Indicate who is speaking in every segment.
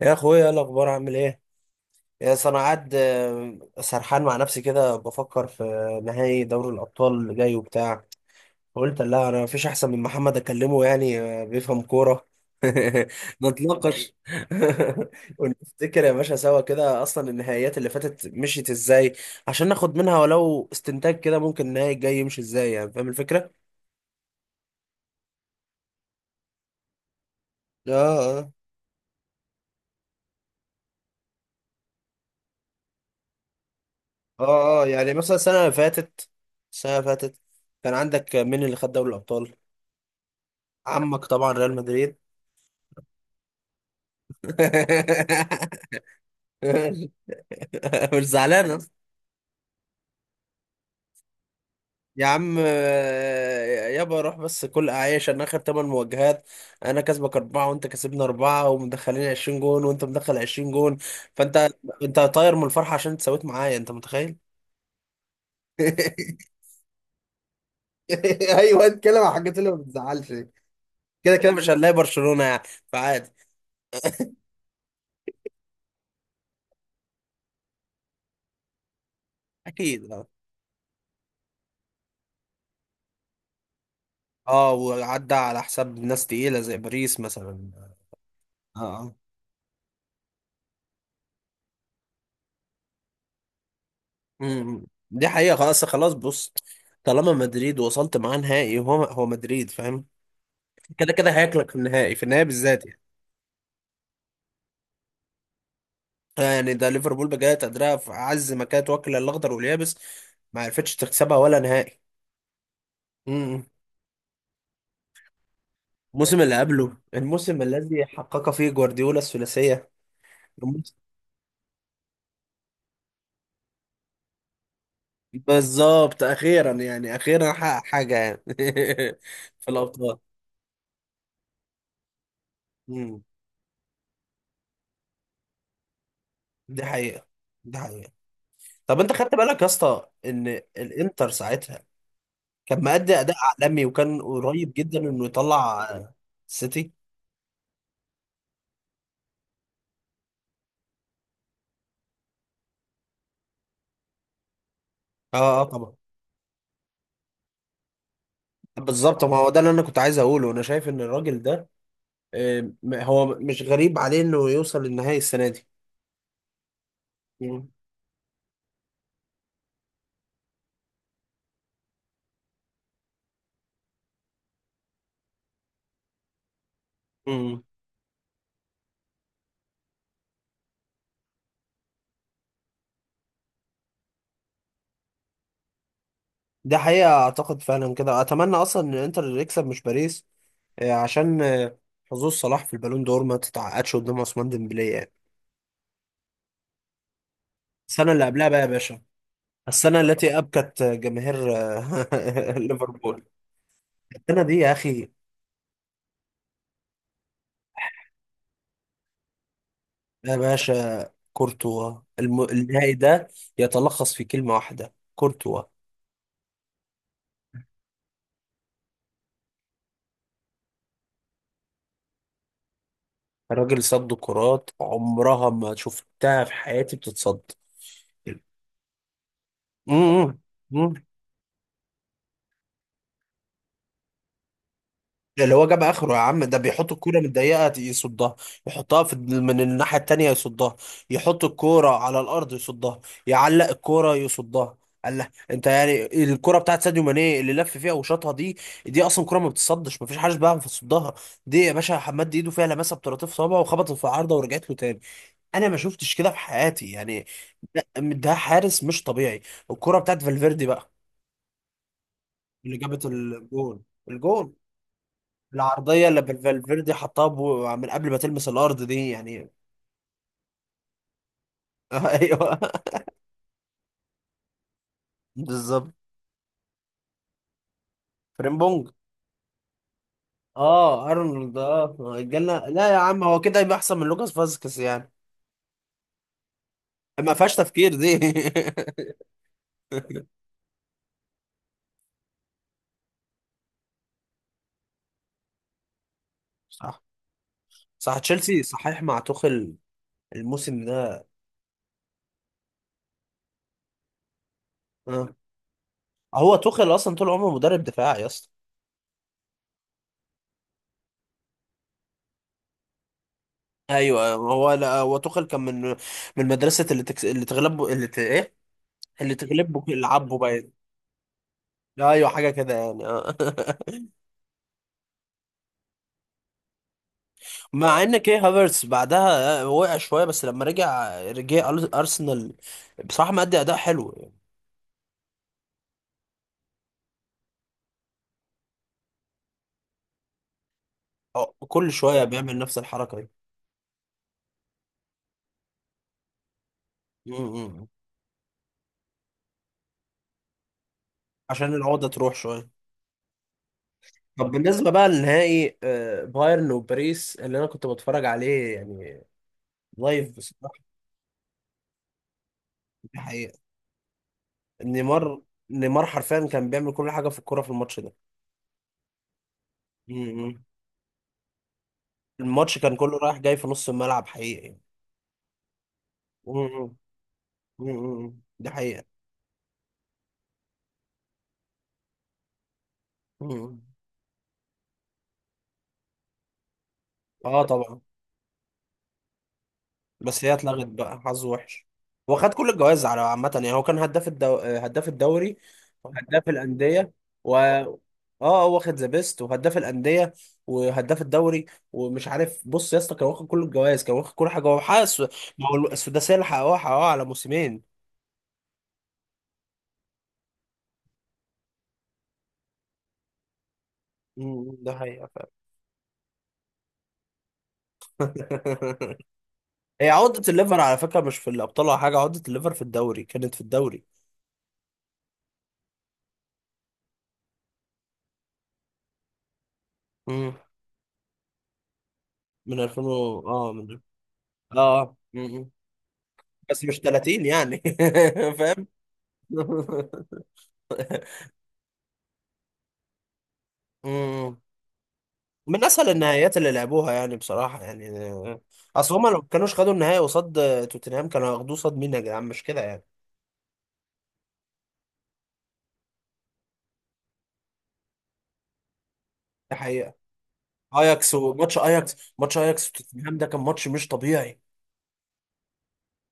Speaker 1: يا اخويا، ايه الاخبار؟ عامل ايه؟ يا أصل انا قاعد، سرحان مع نفسي كده بفكر في نهائي دوري الابطال اللي جاي وبتاع. قلت لا، انا مفيش احسن من محمد اكلمه يعني، بيفهم كوره. نتناقش. ونفتكر يا باشا سوا كده، اصلا النهائيات اللي فاتت مشيت ازاي عشان ناخد منها ولو استنتاج كده، ممكن النهائي الجاي يمشي ازاي. يعني فاهم الفكره؟ اه، اه، اه، اه. يعني مثلا السنه اللي فاتت كان عندك مين اللي خد دوري الابطال؟ عمك طبعا ريال مدريد. مش زعلان أصلاً. يا عم، يابا روح بس، كل اعيش انا اخر ثمان مواجهات، انا كسبك اربعه وانت كسبني اربعه، ومدخلين 20 جون وانت مدخل 20 جون، فانت، انت طاير من الفرحه عشان انت سويت معايا؟ انت متخيل؟ ايوه اتكلم عن الحاجات اللي ما بتزعلش. كده كده مش هنلاقي برشلونه يعني، فعادي. اكيد، اه. وعدى على حساب ناس تقيله زي باريس مثلا. اه، دي حقيقة. خلاص خلاص، بص، طالما مدريد وصلت معاه نهائي، هو هو مدريد، فاهم؟ كده كده هياكلك في النهائي، في النهائي بالذات يعني. يعني ده ليفربول بجد قدرها في عز ما كانت واكلة الاخضر واليابس، ما عرفتش تكسبها ولا نهائي. امم. الموسم اللي قبله، الموسم الذي حقق فيه جوارديولا الثلاثية. الموسم- بالظبط، اخيرا يعني اخيرا حقق حاجة يعني. في الابطال. امم. دي حقيقة دي حقيقة. طب انت خدت بالك يا اسطى ان الانتر ساعتها كان مأدي أداء عالمي وكان قريب جدا إنه يطلع السيتي. اه، اه، طبعا. بالظبط، ما هو ده اللي أنا كنت عايز أقوله. أنا شايف إن الراجل ده، هو مش غريب عليه إنه يوصل للنهائي السنة دي. مم. مم. ده حقيقة، أعتقد فعلا كده. أتمنى أصلا إن إنتر يكسب مش باريس، عشان حظوظ صلاح في البالون دور ما تتعقدش قدام عثمان ديمبلي يعني. السنة اللي قبلها بقى يا باشا، السنة التي أبكت جماهير، ليفربول. السنة دي يا أخي. يا باشا، كورتوا النهائي ده يتلخص في كلمة واحدة، كورتوا. الراجل صد كرات عمرها ما شفتها في حياتي بتتصد. مم. مم. اللي هو جاب اخره يا عم. ده بيحط الكوره من الضيقه يصدها، يحطها في من الناحيه التانيه يصدها، يحط الكوره على الارض يصدها، يعلق الكوره يصدها. قال لا انت يعني، الكوره بتاعت ساديو ماني اللي لف فيها وشاطها دي، دي اصلا كوره ما بتصدش، ما فيش حاجه بيعرف يصدها. دي يا باشا حماد ايده فيها لمسه بطراطيف صوابعه، وخبطت في العارضه ورجعت له تاني. انا ما شفتش كده في حياتي يعني. ده حارس مش طبيعي. الكوره بتاعت فالفيردي بقى اللي جابت الجون. الجون، العرضية اللي فالفيردي حطها من قبل ما تلمس الأرض دي يعني. أيوه. بالظبط. فريمبونج. اه ارنولد، اه، جالنا. لا يا عم، هو كده يبقى احسن من لوكاس فاسكيز يعني. ما فيهاش تفكير دي. صح، صح، تشيلسي صحيح مع توخل. الموسم ده. آه. هو توخل اصلا طول عمره مدرب دفاعي يا اسطى. ايوه، هو، لا، هو توخل كان من، مدرسه، اللي اللي تغلبه، اللي ايه، اللي تغلبه يلعبه باين. ايوه حاجه كده يعني. آه. مع ان كي هافرتس بعدها وقع شويه، بس لما رجع ارسنال، بصراحه مادي اداء حلو يعني. كل شويه بيعمل نفس الحركه دي. م-م. عشان العقده تروح شويه. طب بالنسبه بقى للنهائي، بايرن وباريس اللي انا كنت بتفرج عليه يعني لايف بصراحه. دي حقيقه. نيمار. نيمار حرفيا كان بيعمل كل حاجه في الكوره في الماتش ده. م-م. الماتش كان كله رايح جاي في نص الملعب حقيقي. م-م. م-م. دي حقيقه. م-م. اه طبعا. بس هي اتلغت بقى، حظه وحش. هو خد كل الجوائز على عامة يعني. هو كان هداف هداف الدوري، وهداف الأندية، و... اه، هو واخد ذا بيست وهداف الأندية وهداف الدوري. ومش عارف، بص يا اسطى، كان واخد كل الجوائز، كان واخد كل حاجة، هو حقق ما هو السداسية اللي حققوها على موسمين. أمم، ده حقيقة فعلا. هي عقدة الليفر على فكرة مش في الأبطال ولا حاجة، عقدة الليفر في الدوري كانت في الدوري. أمم، من 2000 و... اه من اه آه. أمم، بس مش 30 يعني. فاهم. مم. من اسهل النهائيات اللي لعبوها يعني بصراحه يعني، اصل هما لو كانوش خدوا النهائي قصاد، توتنهام كانوا هياخدوه قصاد مين يا جدعان؟ مش كده يعني؟ ده حقيقه. اياكس، وماتش اياكس، ماتش اياكس وتوتنهام ده كان ماتش مش طبيعي.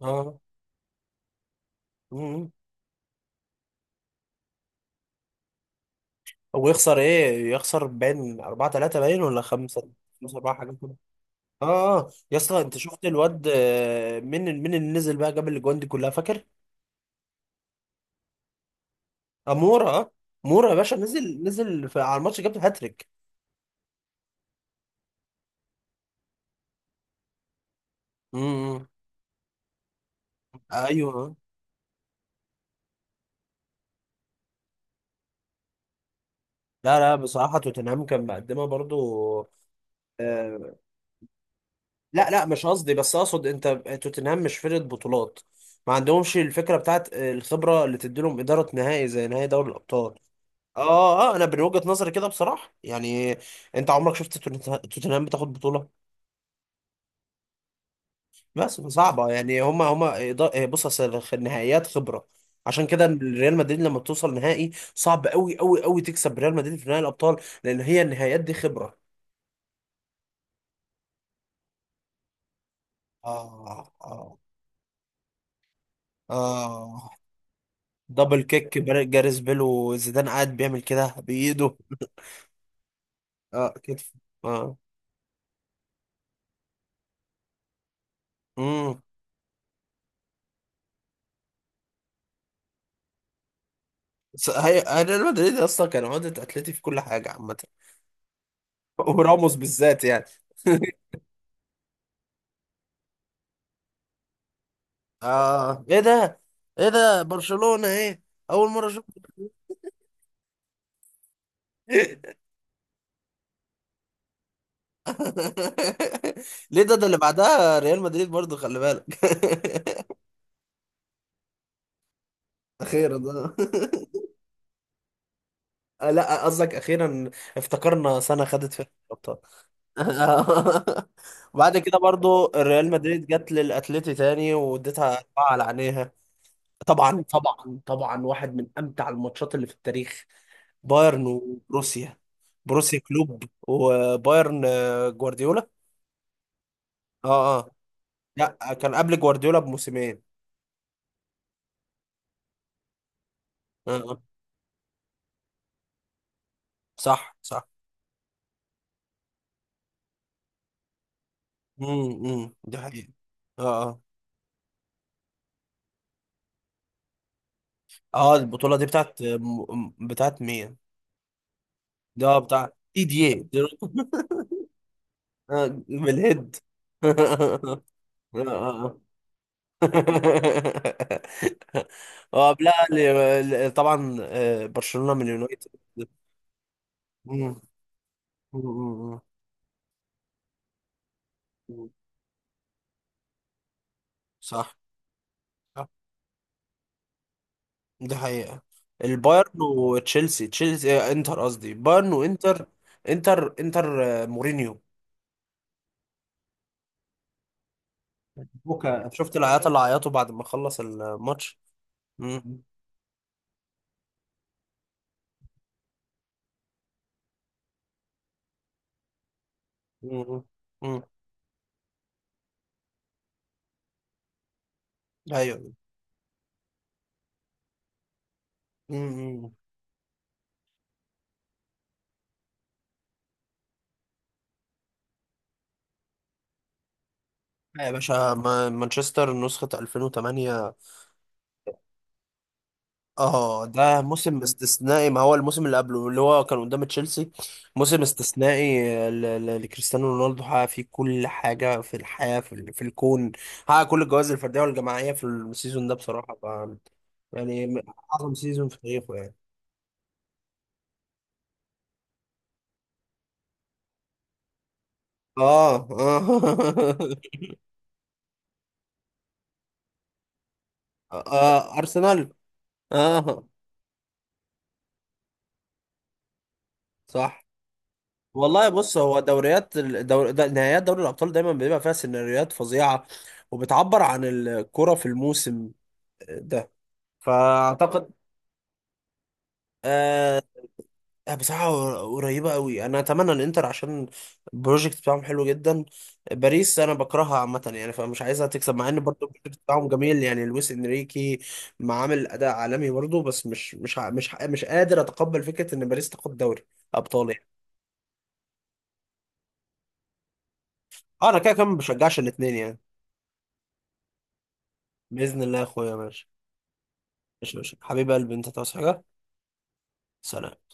Speaker 1: اه. مم. هو يخسر ايه؟ يخسر باين 4 3، باين ولا 5، 5 4 حاجه كده. اه. آه. يا اسطى، انت شفت الواد، مين اللي نزل بقى جاب الاجوان دي كلها، فاكر؟ اه، مورا، اه. مورا يا باشا، نزل في على الماتش جاب هاتريك. امم. ايوه، لا لا، بصراحه توتنهام كان مقدمه برضو. آه لا لا، مش قصدي، بس اقصد انت توتنهام مش فرقه بطولات، ما عندهمش الفكره بتاعت الخبره اللي تديلهم اداره نهائي زي نهائي دوري الابطال. اه، اه، انا من وجهه نظري كده بصراحه يعني. انت عمرك شفت توتنهام بتاخد بطوله؟ بس صعبة يعني، هما بص أصل النهائيات خبرة، عشان كده ريال مدريد لما بتوصل نهائي، صعب قوي قوي قوي تكسب ريال مدريد في نهائي الأبطال، لأن هي النهائيات دي خبرة. آه، آه، آه، دبل كيك، جاريس بيل، وزيدان قاعد بيعمل كده بإيده. آه، كتف. آه. امم. بس هي ريال مدريد أصلا كان عقدة أتلتي في كل حاجة عامة. وراموس بالذات يعني. إيه ده! إيه ده، برشلونة، إيه! أول مرة أشوف. ليه، ده اللي بعدها ريال مدريد برضو، خلي بالك. اخيرا ده. لا، قصدك اخيرا، افتكرنا سنه خدت فيها الابطال. بعد كده برضو ريال مدريد جت للاتليتي تاني واديتها اربعه على عينيها. طبعا، طبعا، طبعا، واحد من امتع الماتشات اللي في التاريخ. بايرن وبروسيا. بروسيا كلوب وبايرن، جوارديولا. اه، اه، لا، كان قبل جوارديولا بموسمين. اه. صح، صح. دي حقيقة. اه، اه، اه، البطولة دي بتاعت بتاعت مين؟ ده، بتاع تي دي اي دي بالهيد. اه، اه، اه. قبلها، طبعا برشلونة من اليونايتد. مم، مم، مم. مم. صح، صح، دي حقيقة. البايرن وتشيلسي، تشيلسي آه، انتر قصدي، بايرن وانتر. انتر، مورينيو. بكا، شفت العياط اللي عيطوا بعد ما خلص الماتش. مم. مم. مم. ايوه. مم. يا باشا، مانشستر نسخة 2008. اه، ده موسم استثنائي، ما هو الموسم اللي قبله اللي هو كان قدام تشيلسي، موسم استثنائي لكريستيانو رونالدو، حقق فيه كل حاجة في الحياة، في الكون، حقق كل الجوائز الفردية والجماعية في السيزون ده بصراحة، يعني من أعظم سيزون في تاريخه يعني. اه، اه. ارسنال. اه، صح. والله بص، هو دوريات ده نهائيات دوري الابطال دايما بيبقى فيها سيناريوهات فظيعه، وبتعبر عن الكره في الموسم ده، فاعتقد. آه. بصراحه قريبه قوي، انا اتمنى الانتر عشان البروجكت بتاعهم حلو جدا. باريس انا بكرهها عامه يعني، فمش عايزها تكسب، مع ان برضو البروجكت بتاعهم جميل يعني، لويس انريكي ما عامل اداء عالمي برضو، بس مش قادر اتقبل فكره ان باريس تاخد دوري ابطال يعني. اه، انا كده كده ما بشجعش الاثنين يعني. باذن الله يا اخويا، ماشي. ماشي، ماشي، حبيب قلبي، انت تعوز حاجه؟ سلام.